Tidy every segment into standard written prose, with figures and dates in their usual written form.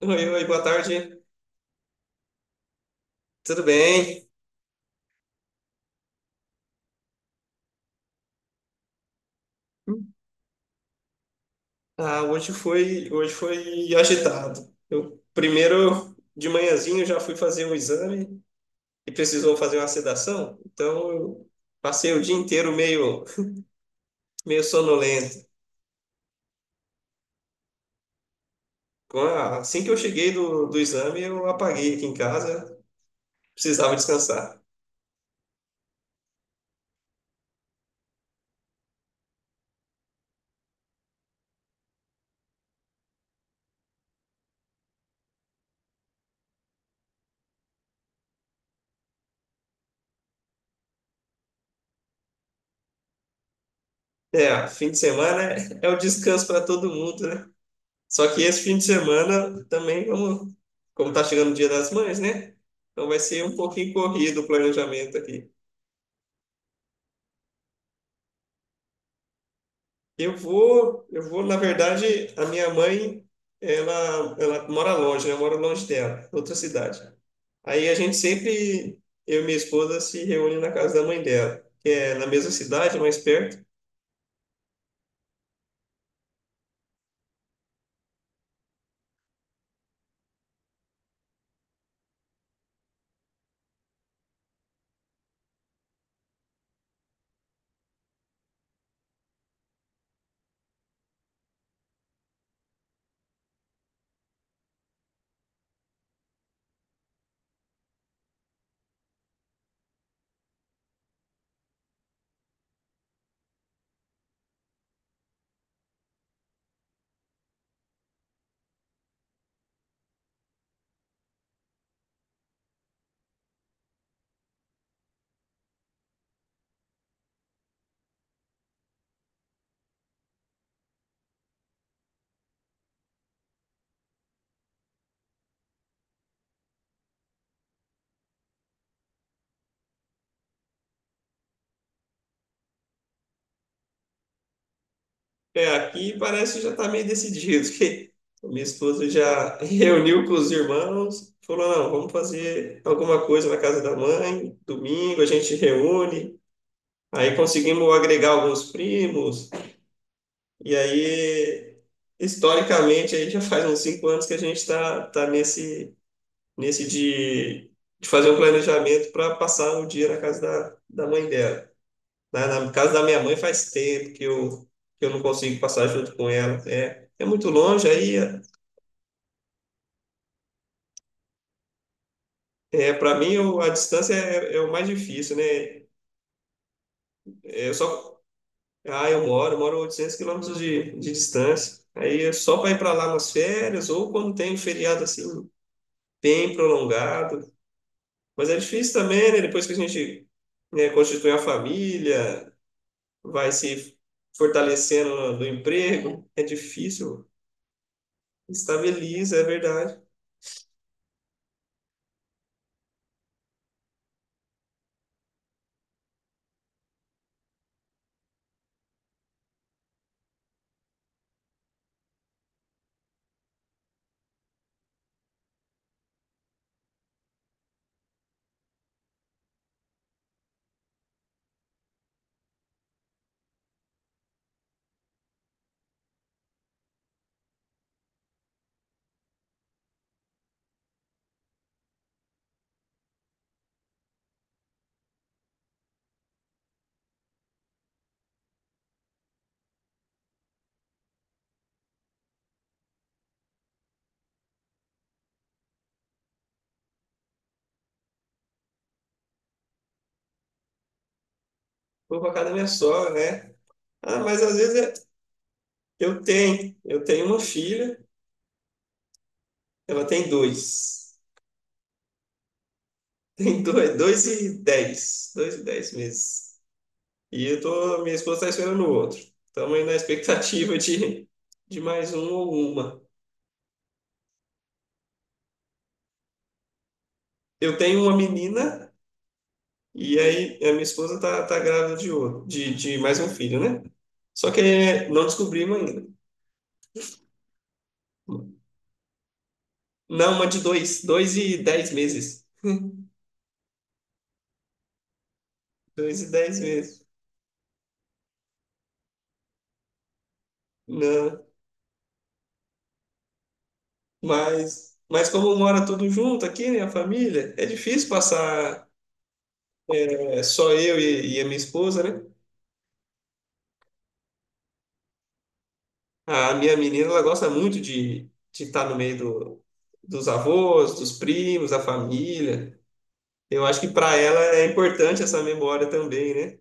Oi, oi, boa tarde. Tudo bem? Ah, hoje foi agitado. Eu primeiro de manhãzinho já fui fazer um exame e precisou fazer uma sedação, então eu passei o dia inteiro meio sonolento. Assim que eu cheguei do exame, eu apaguei aqui em casa, precisava descansar. É, fim de semana é o descanso para todo mundo, né? Só que esse fim de semana também vamos, como tá chegando o Dia das Mães, né? Então vai ser um pouquinho corrido o planejamento aqui. Eu vou, na verdade, a minha mãe, ela mora longe, né? Eu moro longe dela, outra cidade. Aí a gente sempre, eu e minha esposa, se reúne na casa da mãe dela, que é na mesma cidade, mais perto. É, aqui parece que já está meio decidido, que a minha esposa já reuniu com os irmãos, falou, não, vamos fazer alguma coisa na casa da mãe, domingo a gente reúne, aí conseguimos agregar alguns primos, e aí, historicamente, aí já faz uns 5 anos que a gente está tá nesse de fazer um planejamento para passar um dia na casa da mãe dela. Na casa da minha mãe faz tempo que eu não consigo passar junto com ela. É, é muito longe, aí é, para mim eu- a distância é o mais difícil, né? É, eu moro a 800 quilômetros de distância. Aí é só para ir para lá nas férias ou quando tem um feriado assim bem prolongado. Mas é difícil também, né? Depois que a gente, né, constitui a família, vai se fortalecendo no emprego, é difícil, estabiliza, é verdade. Vou pra casa da minha sogra, né? Ah, mas às vezes eu tenho uma filha, ela tem dois. Tem dois e dez meses. Minha esposa tá esperando o outro. Estamos aí na expectativa de mais um ou uma. Eu tenho uma menina e aí a minha esposa tá grávida de outro, de mais um filho, né? Só que não descobrimos ainda. Não, uma de dois e dez meses. Dois e dez meses. Não. Mas como mora tudo junto aqui, né, a família, é difícil passar é, só eu e a minha esposa, né? A minha menina, ela gosta muito de estar no meio dos avós, dos primos, da família. Eu acho que para ela é importante essa memória também, né?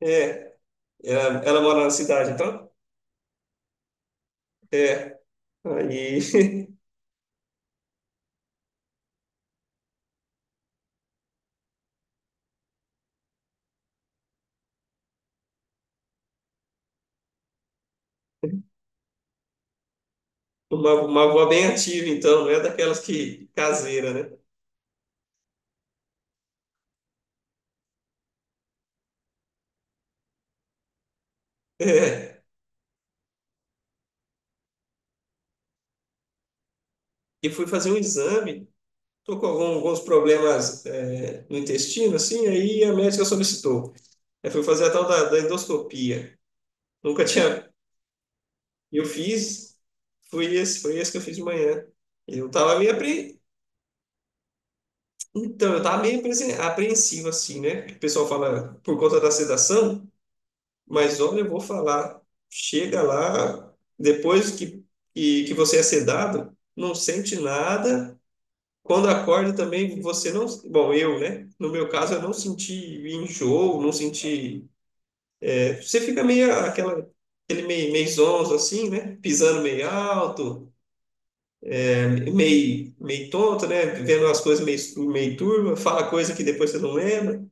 É, ela mora na cidade, então? É, aí uma avó bem ativa, então, não é daquelas que caseira, né? É. E fui fazer um exame. Estou com alguns problemas é, no intestino, assim, aí a médica solicitou. Aí fui fazer a tal da endoscopia. Nunca tinha. Eu fiz, foi esse que eu fiz de manhã. Eu tava meio apre... Então, eu tava meio apreensivo, assim, né? O pessoal fala por conta da sedação, mas olha, eu vou falar. Chega lá, depois que você é sedado, não sente nada. Quando acorda também, você não. Bom, eu, né? No meu caso, eu não senti enjoo, não senti. É, você fica meio aquele meio zonzo, assim, né? Pisando meio alto, é, meio tonto, né? Vendo as coisas meio turva, fala coisa que depois você não lembra.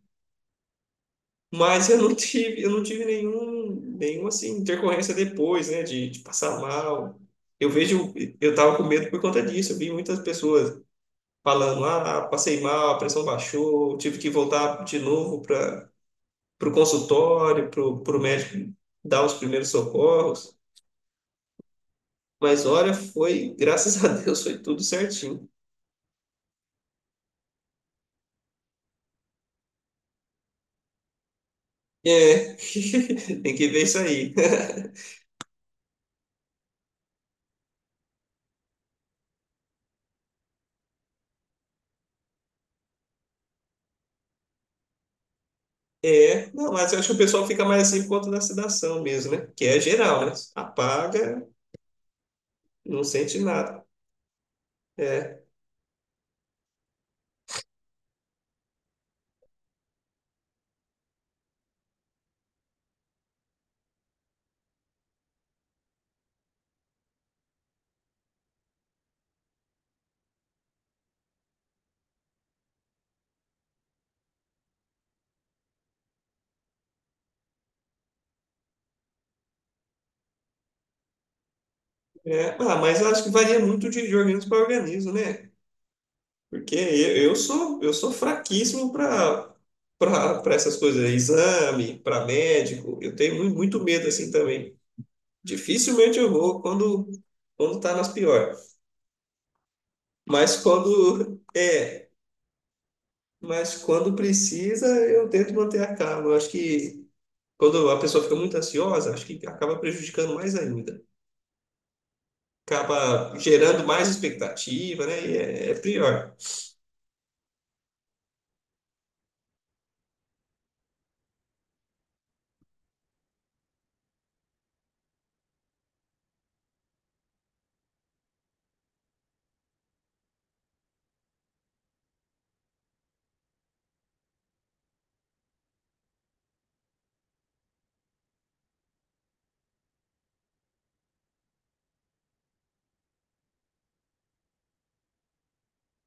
Mas eu não tive nenhum assim, intercorrência depois, né? De passar mal. Eu vejo, eu tava com medo por conta disso. Eu vi muitas pessoas falando: ah, passei mal, a pressão baixou, tive que voltar de novo para o consultório, para o médico dar os primeiros socorros. Mas olha, foi, graças a Deus, foi tudo certinho. É, tem que ver isso aí. É, não, mas eu acho que o pessoal fica mais assim por conta da sedação mesmo, né? Que é geral, né? Apaga, não sente nada. É, é. Ah, mas eu acho que varia muito de organismo para organismo, né? Porque eu sou fraquíssimo para essas coisas, exame, para médico. Eu tenho muito medo assim também. Dificilmente eu vou quando tá nas piores. Mas quando é, mas quando precisa, eu tento manter a calma. Eu acho que quando a pessoa fica muito ansiosa, acho que acaba prejudicando mais ainda. Acaba gerando mais expectativa, né? E é pior.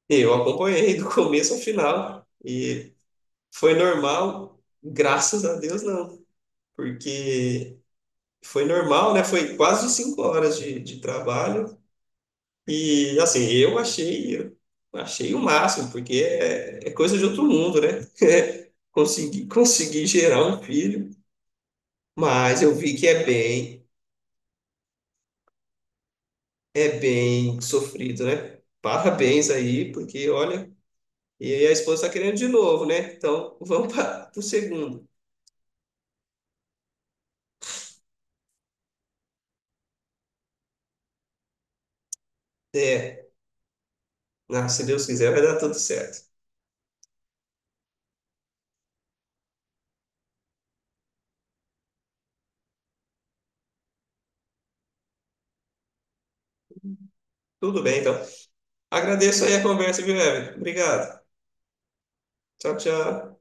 Eu acompanhei do começo ao final. Foi normal, graças a Deus não, porque foi normal, né? Foi quase 5 horas de trabalho e assim eu achei o máximo, porque é coisa de outro mundo, né? Consegui gerar um filho, mas eu vi que é bem sofrido, né? Parabéns aí, porque olha, e aí a esposa está querendo de novo, né? Então vamos para o segundo. É, se Deus quiser, vai dar tudo certo. Tudo bem, então. Agradeço aí a conversa, viu, Evelyn? Obrigado. Tchau, tchau.